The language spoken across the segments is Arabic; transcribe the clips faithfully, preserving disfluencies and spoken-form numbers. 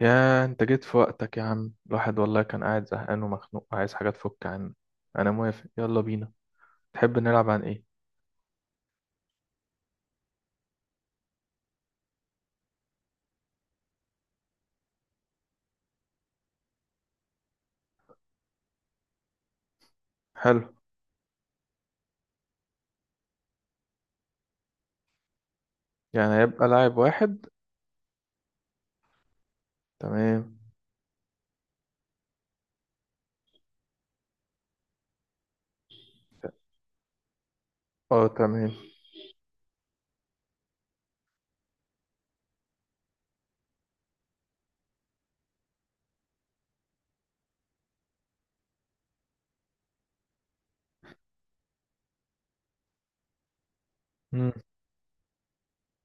يا انت جيت في وقتك يا عم. الواحد والله كان قاعد زهقان ومخنوق عايز حاجة تفك عنه. انا موافق، يلا بينا. تحب نلعب عن ايه؟ حلو. يعني هيبقى لاعب واحد؟ تمام. اه، تمام. مم.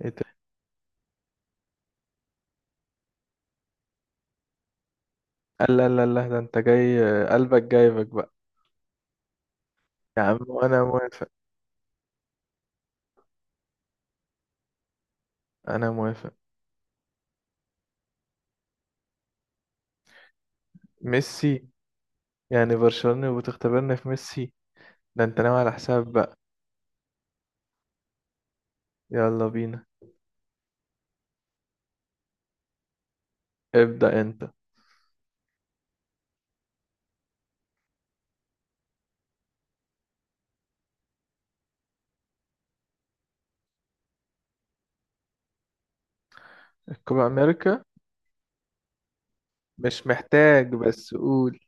ايه تاني؟ لا لا لا، ده انت جاي قلبك جايبك بقى. يا عم انا موافق. انا موافق. ميسي؟ يعني برشلونة وبتختبرني في ميسي؟ ده انت ناوي على حساب بقى. يلا بينا. ابدأ انت. الكوبا امريكا. مش محتاج، بس قول.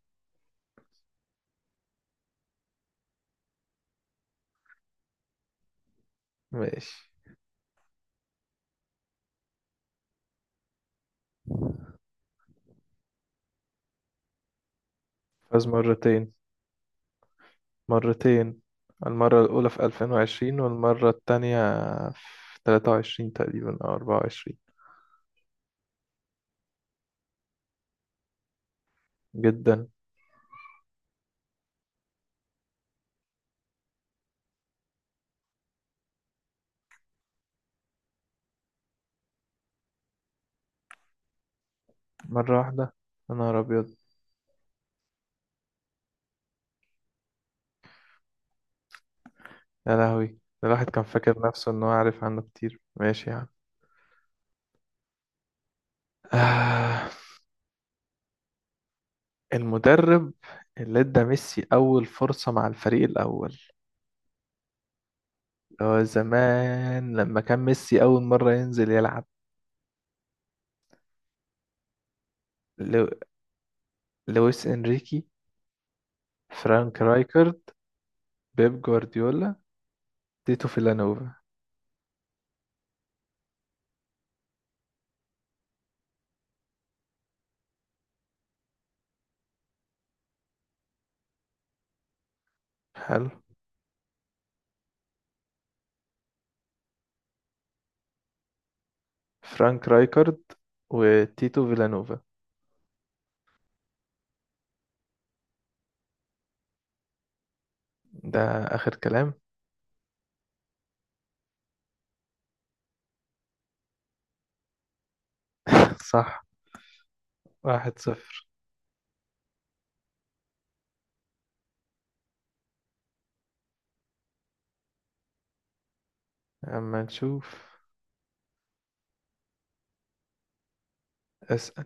ماشي. فاز مرتين. مرتين. المرة الأولى في ألفين وعشرين والمرة التانية في تلاتة وعشرين تقريبا أو أربعة وعشرين. جدا. مرة واحدة. يا نهار أبيض. يا لهوي ده، الواحد كان فاكر نفسه إن هو عارف عنه كتير. ماشي يعني. آه. المدرب اللي ادى ميسي أول فرصة مع الفريق الأول، اللي هو زمان لما كان ميسي أول مرة ينزل يلعب. لو... لويس إنريكي، فرانك رايكارد، بيب جوارديولا، تيتو فيلانوفا. حلو. فرانك رايكارد وتيتو فيلانوفا ده آخر كلام. صح. واحد صفر. أما نشوف. اسأل.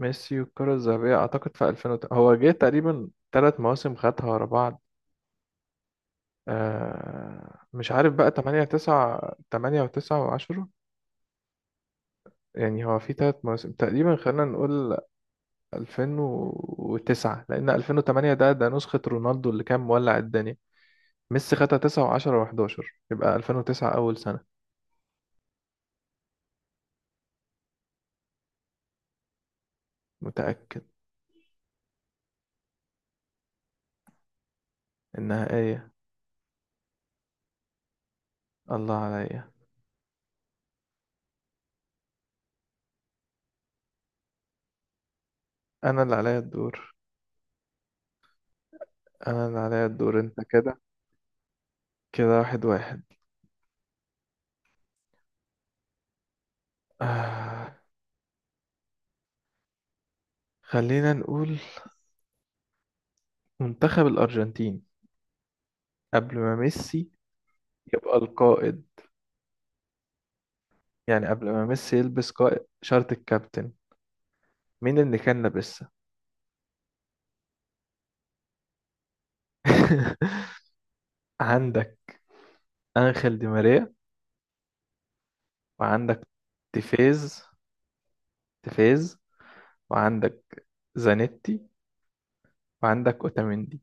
ميسي والكرة الذهبية أعتقد في ألفين وت- هو جه تقريبا تلات مواسم خدها ورا بعض. آه، مش عارف بقى، تمانية تسعة، تمانية وتسعة وعشرة. يعني هو في تلات مواسم تقريبا، خلينا نقول ألفين وتسعة، لأن ألفين وتمانية ده ده نسخة رونالدو اللي كان مولع الدنيا. ميسي خدها تسعة و10 و11. يبقى ألفين وتسعة أول سنة. متأكد. النهائية. الله عليا. أنا اللي عليا الدور. أنا اللي عليا الدور، أنت كده. كده واحد واحد. آه. خلينا نقول منتخب الأرجنتين قبل ما ميسي يبقى القائد. يعني قبل ما ميسي يلبس قائد شارة الكابتن، مين اللي كان لابسها؟ عندك أنخيل دي ماريا، وعندك تيفيز، تيفيز، وعندك زانيتي، وعندك أوتاميندي.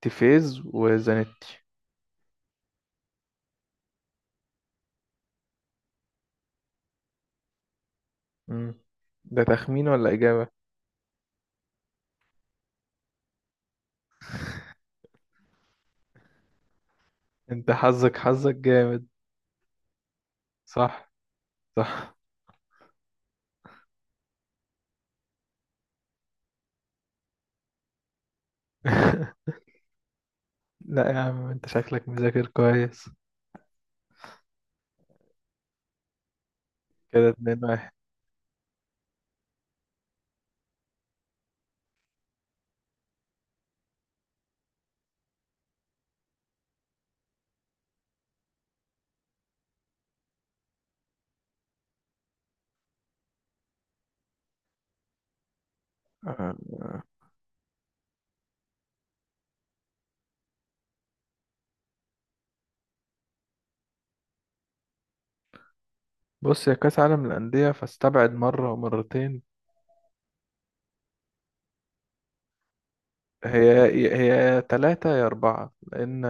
تيفيز وزانيتي. مم. ده تخمين ولا إجابة؟ أنت حظك حظك جامد. صح. صح. لا يا عم، أنت شكلك مذاكر كويس. كده اتنين واحد. آه، آه. بص، يا كأس عالم الأندية فاستبعد مرة ومرتين. هي هي تلاتة يا أربعة، لأن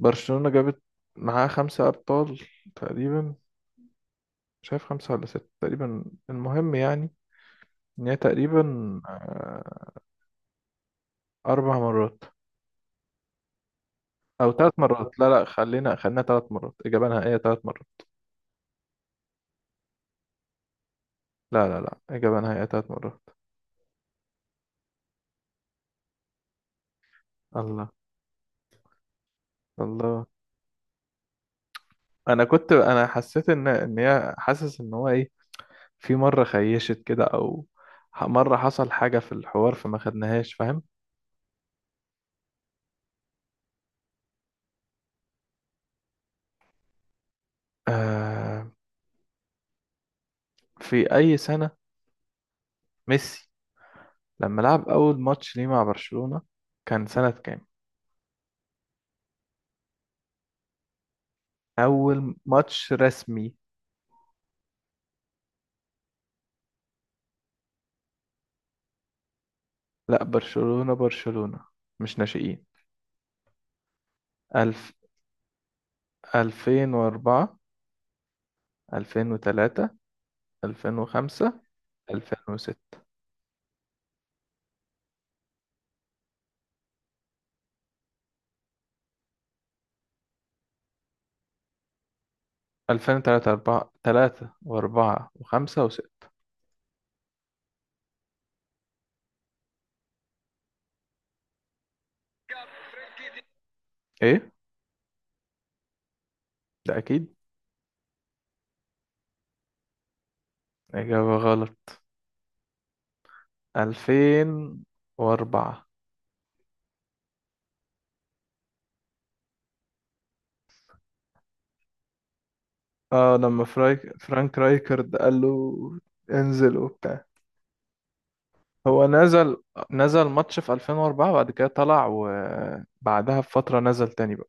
برشلونة جابت معاها خمسة أبطال تقريبا، شايف خمسة ولا ستة تقريبا. المهم يعني إن هي تقريبا آه، أربع مرات أو ثلاث مرات. لا لا، خلينا خلينا ثلاث مرات إجابة نهائية، ثلاث مرات. لا لا لا، إجابة نهائية تلات مرات. الله. الله. أنا كنت أنا حسيت إن إن هي حاسس إن هو إيه، في مرة خيشت كده، أو ح- مرة حصل حاجة في الحوار فما خدناهاش، فاهم. آه، في أي سنة ميسي لما لعب أول ماتش ليه مع برشلونة كان سنة كام؟ أول ماتش رسمي. لا، برشلونة برشلونة، مش ناشئين. ألف ألفين وأربعة، ألفين وتلاتة، ألفين وخمسة، ألفين وستة. ألفين وتلاتة، أربعة، تلاتة وأربعة وخمسة وستة. إيه؟ ده أكيد. إجابة غلط. ألفين وأربعة. آه، لما فرايك فرانك رايكرد قال له انزل وبتاع، هو نزل نزل ماتش في ألفين وأربعة، وبعد كده طلع وبعدها بفترة نزل تاني بقى.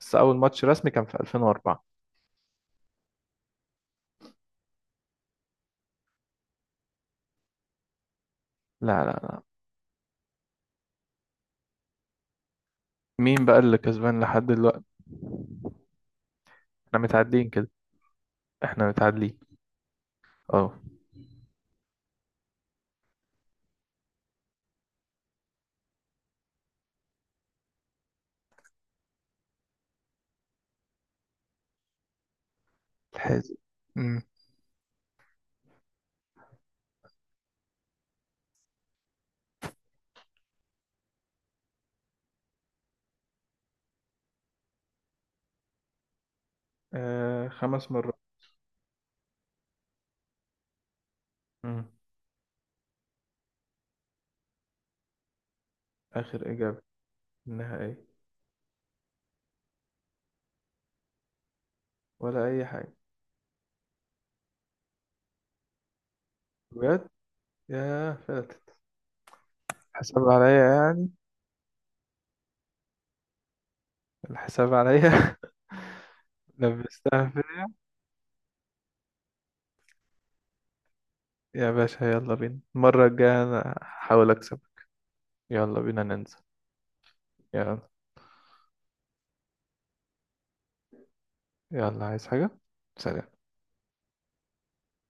بس أول ماتش رسمي كان في ألفين وأربعة. لا لا لا. مين بقى اللي كسبان لحد دلوقتي؟ احنا متعادلين كده. احنا متعادلين. اه. الحازم. امم آه، خمس مرات. مم. آخر إجابة. إنها إيه. ولا أي حاجة. بجد. ياه، فاتت. حساب عليا يعني. الحساب عليا. لبستها فين. يا باشا، يلا بينا المرة الجاية أنا هحاول أكسب. يلا بينا ننزل. يلا. يلا، عايز حاجة. سلام.